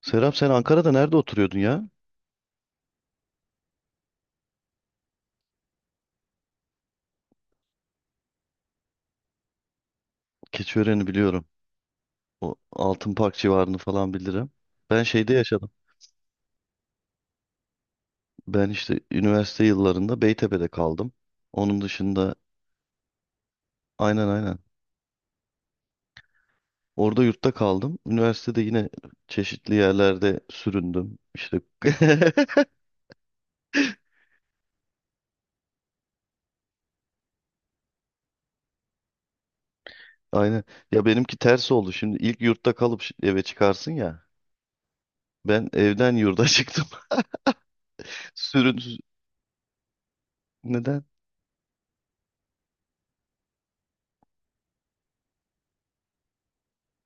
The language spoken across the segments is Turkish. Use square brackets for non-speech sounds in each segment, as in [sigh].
Serap sen Ankara'da nerede oturuyordun ya? Keçiören'i biliyorum. O Altınpark civarını falan bilirim. Ben şeyde yaşadım. Ben işte üniversite yıllarında Beytepe'de kaldım. Onun dışında aynen aynen. Orada yurtta kaldım. Üniversitede yine çeşitli yerlerde süründüm. İşte [laughs] aynen. Ya benimki ters oldu. Şimdi ilk yurtta kalıp eve çıkarsın ya. Ben evden yurda [laughs] çıktım. Sürün Neden?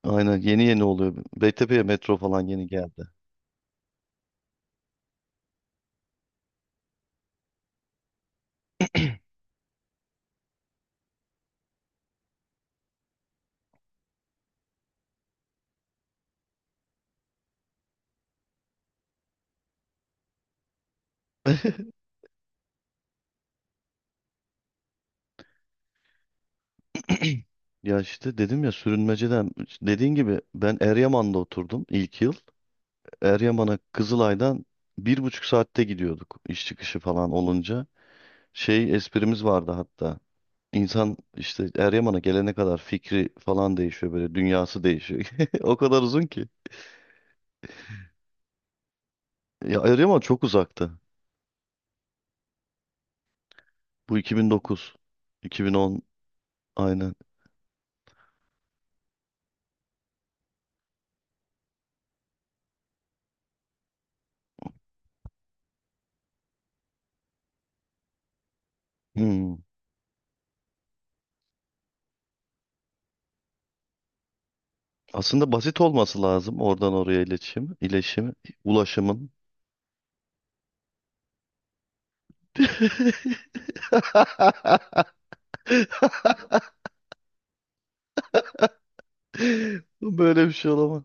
Aynen yeni yeni oluyor. Beytepe'ye metro falan yeni geldi. [laughs] Ya işte dedim ya sürünmeceden dediğin gibi ben Eryaman'da oturdum ilk yıl. Eryaman'a Kızılay'dan 1,5 saatte gidiyorduk iş çıkışı falan olunca. Şey esprimiz vardı hatta. İnsan işte Eryaman'a gelene kadar fikri falan değişiyor, böyle dünyası değişiyor. [laughs] O kadar uzun ki. Ya Eryaman çok uzaktı. Bu 2009, 2010 aynen. Hmm. Aslında basit olması lazım oradan oraya iletişim, iletişim, ulaşımın. [laughs] [laughs] Böyle bir şey olamaz.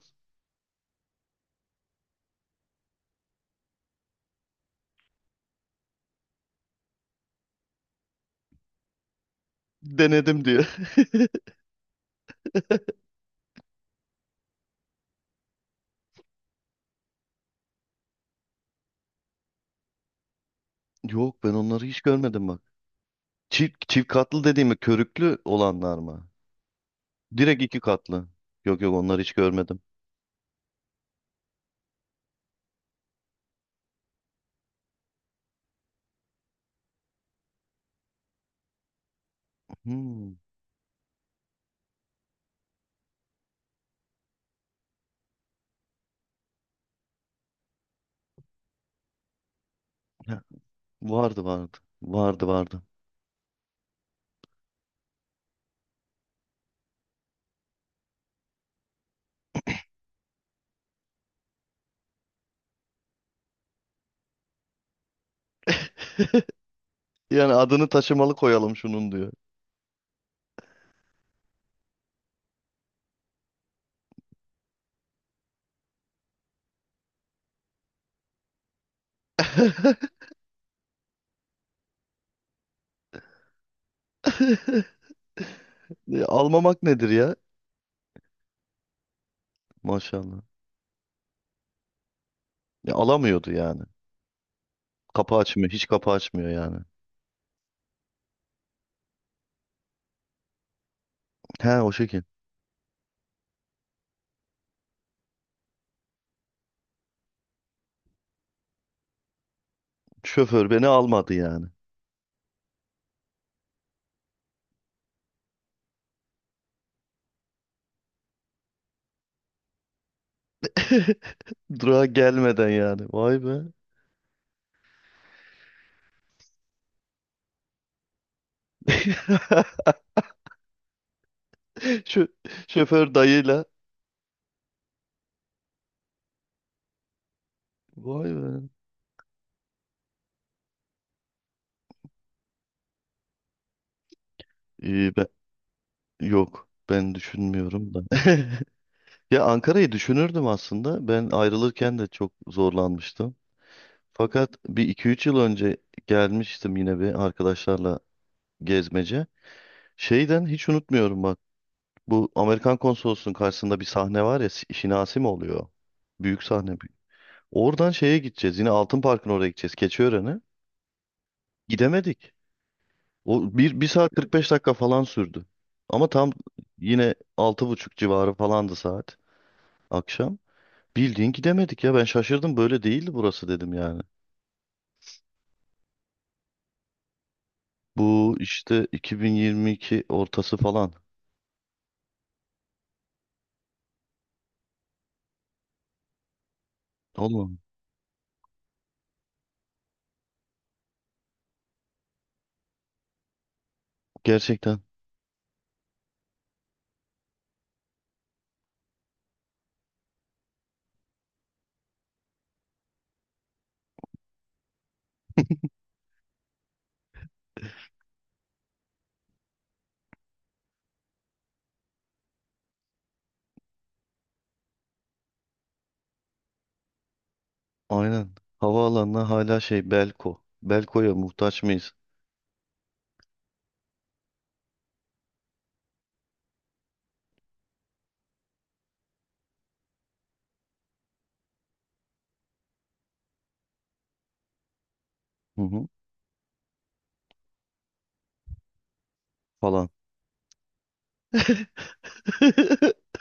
Denedim diyor. [laughs] Yok ben onları hiç görmedim bak. Çift katlı dediğimi, körüklü olanlar mı? Direkt iki katlı. Yok yok onları hiç görmedim. Hmm. Ya, vardı vardı. Vardı vardı. Yani adını taşımalı koyalım şunun diyor. [laughs] Ya, almamak nedir ya? Maşallah. Ya, alamıyordu yani. Kapı açmıyor. Hiç kapı açmıyor yani. He o şekil. Şoför beni almadı yani. [laughs] Durağa gelmeden yani. Vay be. [laughs] Şu şoför dayıyla vay be. İyi ben, yok ben düşünmüyorum da. [laughs] Ya Ankara'yı düşünürdüm aslında. Ben ayrılırken de çok zorlanmıştım. Fakat bir iki üç yıl önce gelmiştim yine bir arkadaşlarla gezmece. Şeyden hiç unutmuyorum bak. Bu Amerikan konsolosunun karşısında bir sahne var ya, Şinasi mi oluyor? Büyük sahne. Oradan şeye gideceğiz. Yine Altın Park'ın oraya gideceğiz. Keçiören'e. Gidemedik. O bir saat 45 dakika falan sürdü. Ama tam yine 6.30 civarı falandı saat, akşam. Bildiğin gidemedik ya, ben şaşırdım, böyle değildi burası dedim yani. Bu işte 2022 ortası falan. Oğlum gerçekten aynen, havaalanına hala şey, Belko. Belko'ya muhtaç mıyız? Hı hı falan. [laughs]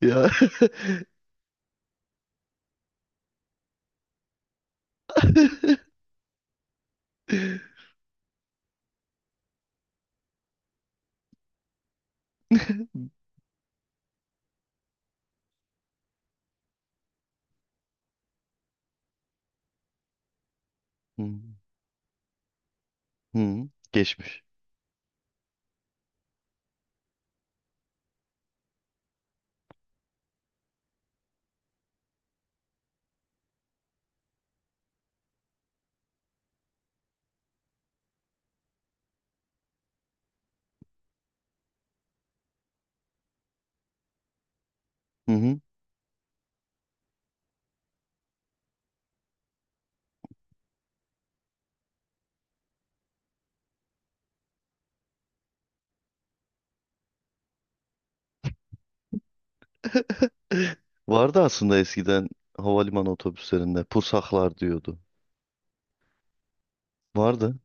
Ya. [laughs] Hı hı. Geçmiş. Hı hı. Vardı aslında eskiden, havalimanı otobüslerinde pusaklar diyordu. Vardı.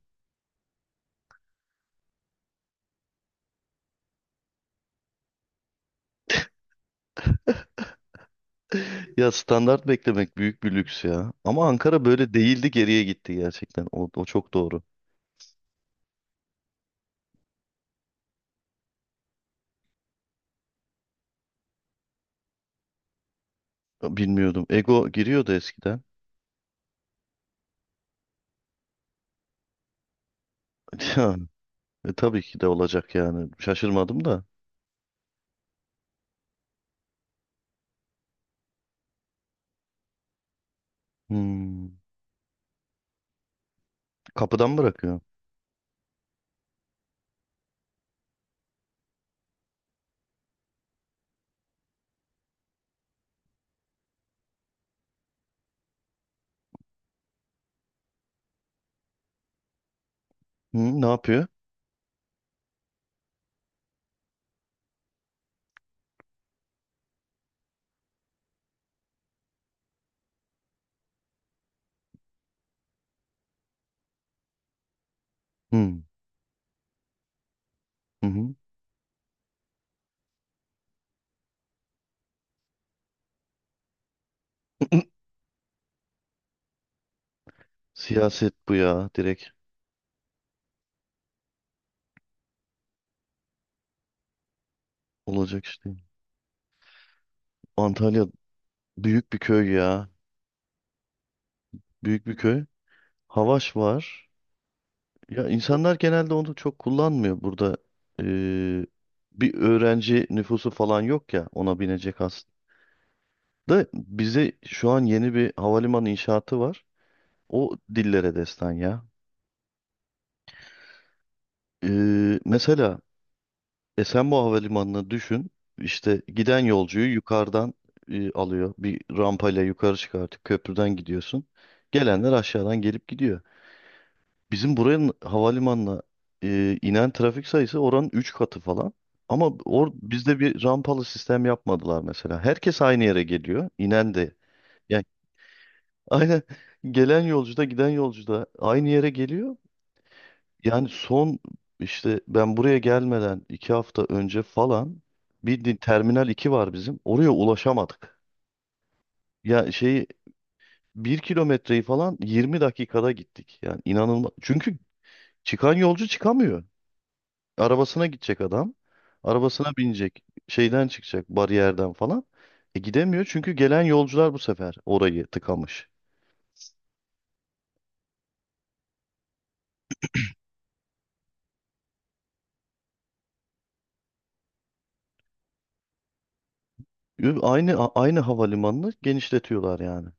Ya standart beklemek büyük bir lüks ya. Ama Ankara böyle değildi, geriye gitti gerçekten. O çok doğru. Bilmiyordum. Ego giriyordu eskiden. [laughs] Ya, tabii ki de olacak yani. Şaşırmadım da. Hmm. Kapıdan mı bırakıyor? Hmm, ne yapıyor? Hmm. Hı hı. [laughs] Siyaset bu ya. Direkt olacak işte. Antalya büyük bir köy ya. Büyük bir köy. Havaş var. Ya insanlar genelde onu çok kullanmıyor burada. Ee, Bir öğrenci nüfusu falan yok ya ona binecek aslında. Bize şu an yeni bir havalimanı inşaatı var. O dillere destan ya. Mesela Esenboğa Havalimanı'nı düşün. İşte giden yolcuyu yukarıdan alıyor. Bir rampayla yukarı çıkartıp köprüden gidiyorsun. Gelenler aşağıdan gelip gidiyor. Bizim buranın havalimanına inen trafik sayısı oranın 3 katı falan. Ama bizde bir rampalı sistem yapmadılar mesela. Herkes aynı yere geliyor. İnen de. Yani aynen [laughs] gelen yolcu da giden yolcu da aynı yere geliyor. Yani son işte ben buraya gelmeden 2 hafta önce falan, bildiğin Terminal 2 var bizim. Oraya ulaşamadık. Ya şeyi, 1 kilometreyi falan 20 dakikada gittik. Yani inanılmaz. Çünkü çıkan yolcu çıkamıyor. Arabasına gidecek adam. Arabasına binecek. Şeyden çıkacak, bariyerden falan. E gidemiyor çünkü gelen yolcular bu sefer orayı tıkamış. Aynı havalimanını genişletiyorlar yani.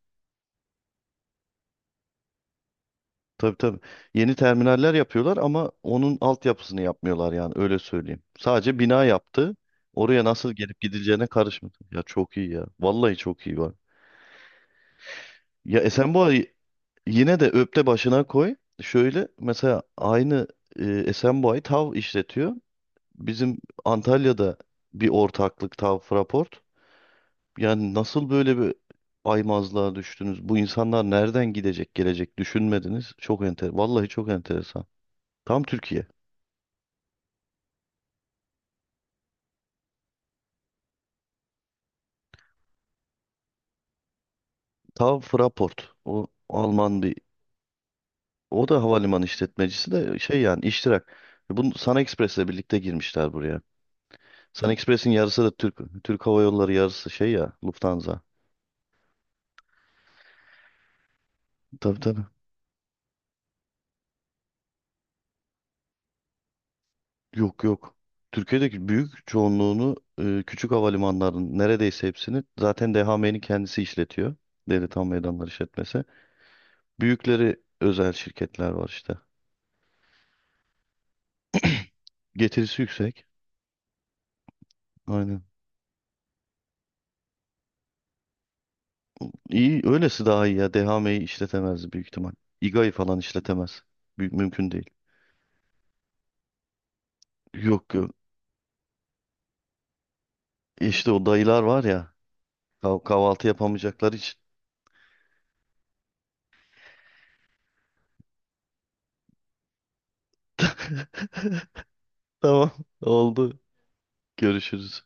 Tabii tabii. Yeni terminaller yapıyorlar ama onun altyapısını yapmıyorlar yani, öyle söyleyeyim. Sadece bina yaptı. Oraya nasıl gelip gidileceğine karışmadı. Ya çok iyi ya. Vallahi çok iyi var. Ya Esenboğa'yı yine de öpte başına koy. Şöyle mesela aynı, Esenboğa'yı TAV işletiyor. Bizim Antalya'da bir ortaklık, TAV Fraport. Yani nasıl böyle bir aymazlığa düştünüz? Bu insanlar nereden gidecek gelecek düşünmediniz. Çok vallahi çok enteresan. Tam Türkiye. TAV Fraport. O Alman o da havalimanı işletmecisi de, şey yani, iştirak. Bunu Sun Express'le birlikte girmişler buraya. Sun Express'in yarısı da Türk Hava Yolları, yarısı şey ya, Lufthansa. Tabii tabii. Yok yok. Türkiye'deki büyük çoğunluğunu, küçük havalimanların neredeyse hepsini zaten DHMİ'nin kendisi işletiyor. Devlet Hava Meydanları işletmesi. Büyükleri özel şirketler var işte. Getirisi yüksek. Aynen. İyi öylesi daha iyi ya. DHMİ'yi işletemez büyük ihtimal. İGA'yı falan işletemez. Büyük mümkün değil. Yok yok. E İşte o dayılar var ya, kahvaltı yapamayacakları için. [laughs] Tamam oldu. Görüşürüz.